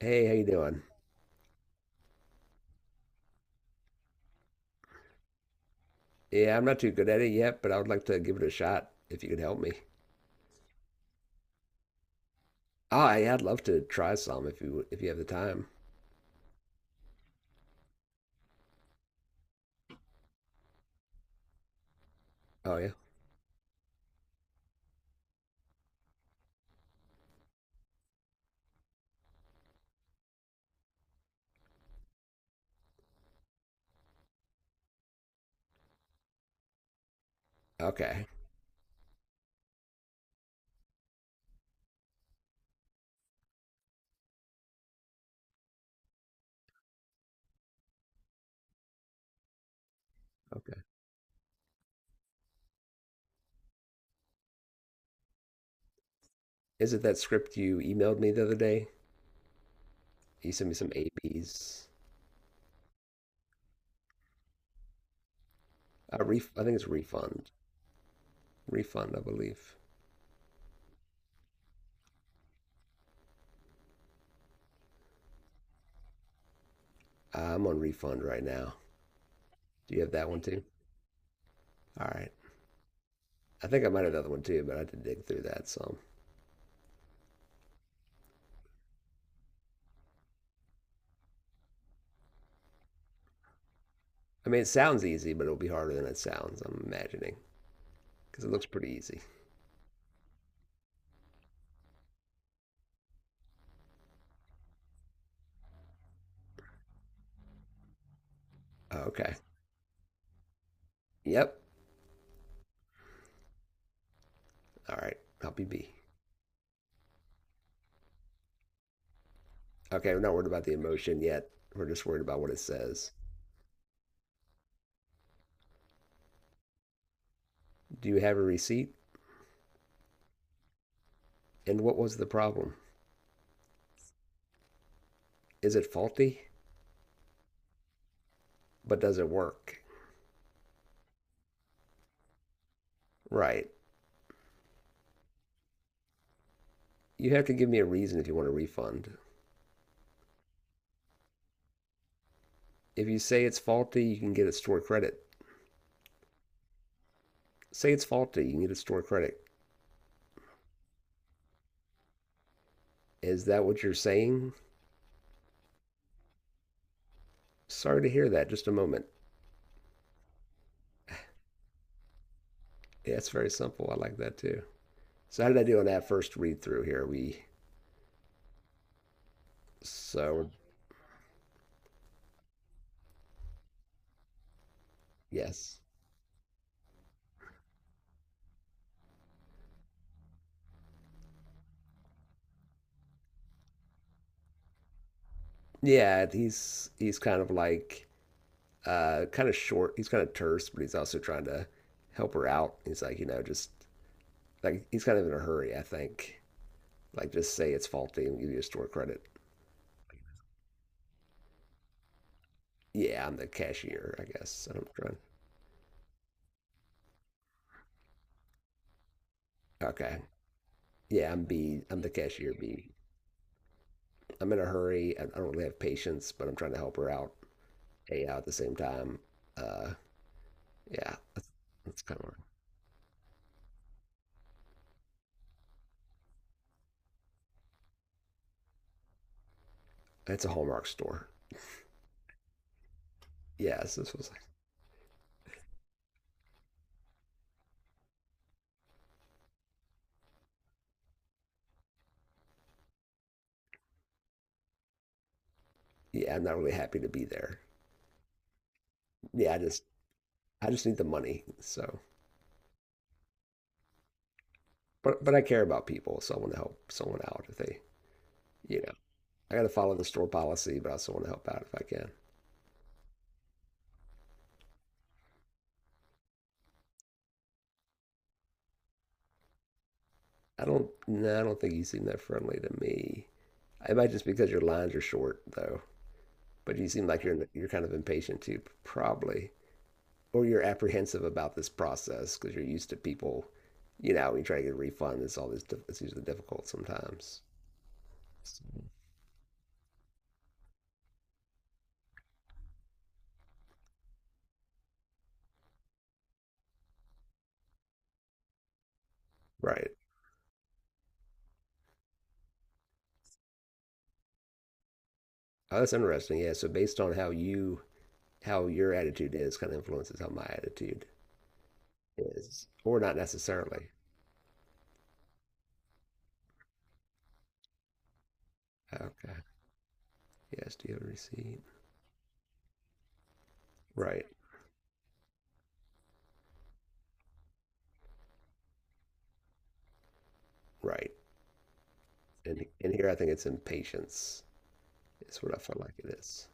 Hey, how you doing? Yeah, I'm not too good at it yet, but I would like to give it a shot if you could help me. Oh, yeah, I'd love to try some if you have the time. Oh yeah. Okay. Okay. Is it that script you emailed me the other day? You sent me some APs. Ref I think it's refund. Refund, I believe. I'm on refund right now. Do you have that one too? All right. I think I might have another one too, but I had to dig through that some. I mean, it sounds easy, but it'll be harder than it sounds, I'm imagining, because it looks pretty easy. Oh, okay. Yep. All right. Help you be. Okay, we're not worried about the emotion yet. We're just worried about what it says. Do you have a receipt? And what was the problem? Is it faulty? But does it work? Right. You have to give me a reason if you want a refund. If you say it's faulty, you can get a store credit. Say it's faulty, you can get a store credit. Is that what you're saying? Sorry to hear that. Just a moment. Yeah, it's very simple. I like that too. So how did I do on that first read through here? We so yes. Yeah, he's kind of like kind of short. He's kind of terse, but he's also trying to help her out. He's like, you know, just like he's kind of in a hurry, I think. Like, just say it's faulty and give you a store credit. Yeah, I'm the cashier, I guess. I'm trying. Okay. Yeah, I'm B. I'm the cashier B. I'm in a hurry. I don't really have patience, but I'm trying to help her out. A out at the same time. Uh, yeah, that's, that's kind of hard. It's a Hallmark store. Yes, this was like, yeah, I'm not really happy to be there. Yeah, I just need the money. So but I care about people, so I want to help someone out if they, you know, I got to follow the store policy, but I also want to help out if I can. I don't, no, I don't think you seem that friendly to me. It might just because your lines are short, though. But you seem like you're kind of impatient too, probably, or you're apprehensive about this process because you're used to people. You know, when you try to get a refund, it's all it's usually difficult sometimes. Right. Oh, that's interesting. Yeah. So based on how your attitude is, kind of influences how my attitude is, or not necessarily. Okay. Yes. Do you have a receipt? Right. Right. And here I think it's impatience is what I feel like it is.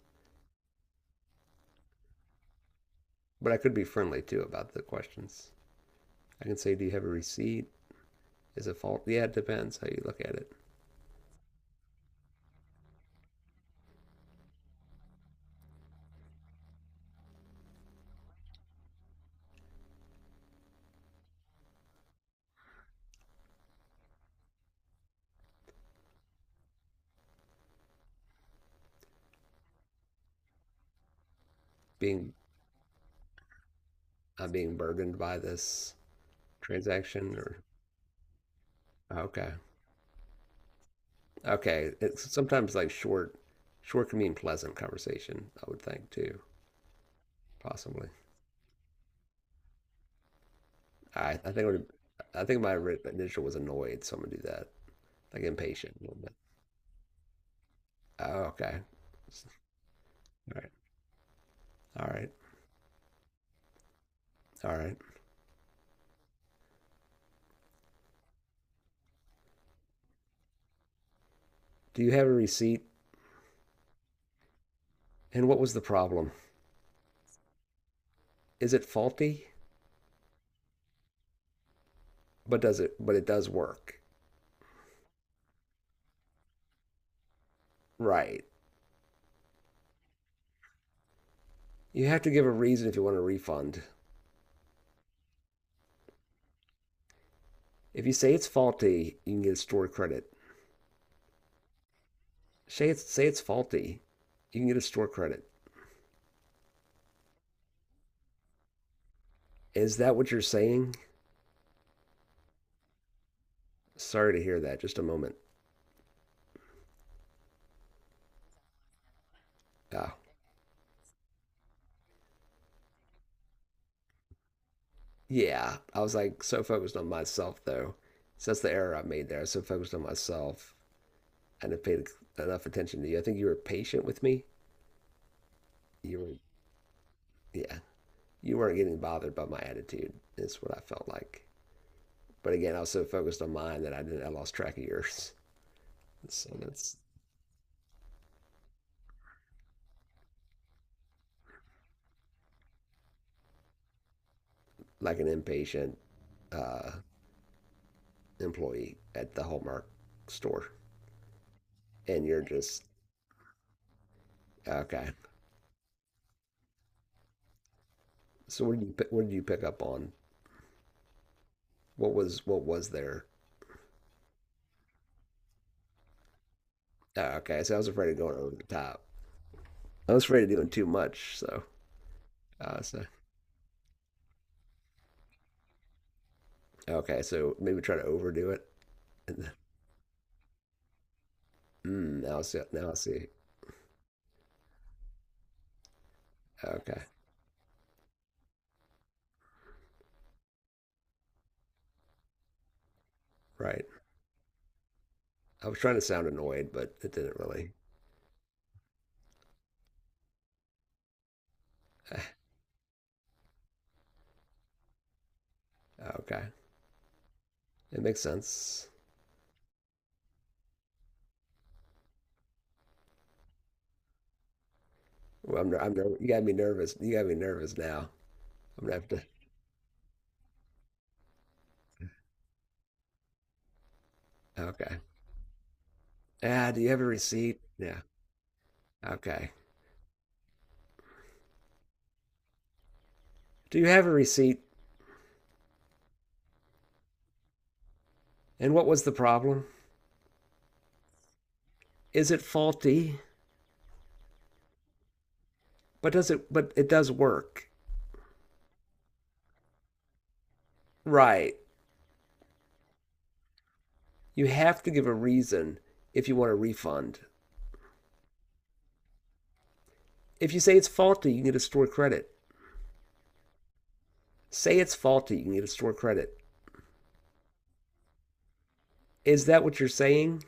But I could be friendly too about the questions. I can say, "Do you have a receipt? Is it fault? Yeah, it depends how you look at it. Being I'm being burdened by this transaction, or okay, okay. It's sometimes like short, short can mean pleasant conversation. I would think too, possibly. I I think it would, I think my initial was annoyed, so I'm gonna do that. Like impatient a little bit. Oh, okay. All right. All right. All right. Do you have a receipt? And what was the problem? Is it faulty? But it does work. Right. You have to give a reason if you want a refund. If you say it's faulty, you can get a store credit. Say it's faulty, you can get a store credit. Is that what you're saying? Sorry to hear that. Just a moment. Oh yeah. I was like so focused on myself though. So that's the error I made there. I was so focused on myself. I didn't pay enough attention to you. I think you were patient with me. You were, yeah, you weren't getting bothered by my attitude. That's what I felt like. But again, I was so focused on mine that I didn't. I lost track of yours. So that's like an impatient uh, employee at the Hallmark store, and you're just okay. So what did you pick up on? What was there? Oh, okay, so I was afraid of going over the top. I was afraid of doing too much. So okay, so maybe try to overdo it. And mm, now I see. Now I see. Okay. Right. I was trying to sound annoyed, but it didn't really. Okay. It makes sense. You got me nervous. You got me nervous now. I'm gonna have to. Okay. Ah, do you have a receipt? Yeah. Okay. Do you have a receipt? And what was the problem? Is it faulty? But does it? But it does work. Right. You have to give a reason if you want a refund. If you say it's faulty, you can get a store credit. Say it's faulty, you can get a store credit. Is that what you're saying?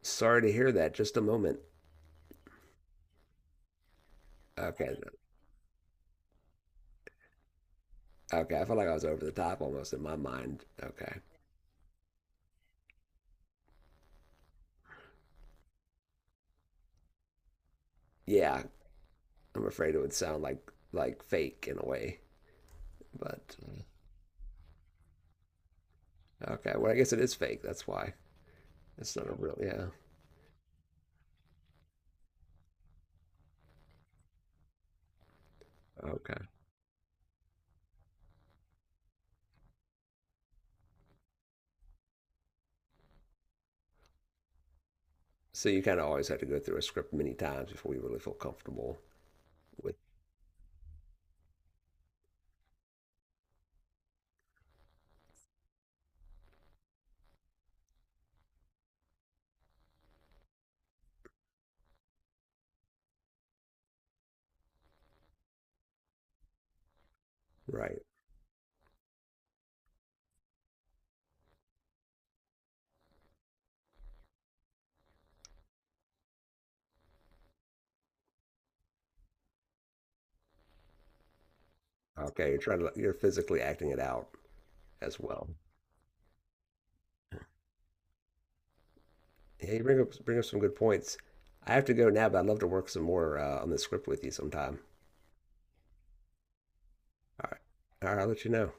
Sorry to hear that. Just a moment. Okay. Okay. I felt like I was over the top almost in my mind. Okay. Yeah. I'm afraid it would sound like fake in a way. But okay. Well, I guess it is fake. That's why. It's not a real. Yeah. Okay. So you kind of always have to go through a script many times before you really feel comfortable with. Right. Okay. You're trying to. You're physically acting it out as well. Yeah. You bring up some good points. I have to go now, but I'd love to work some more on the script with you sometime. All right. All right, I'll let you know.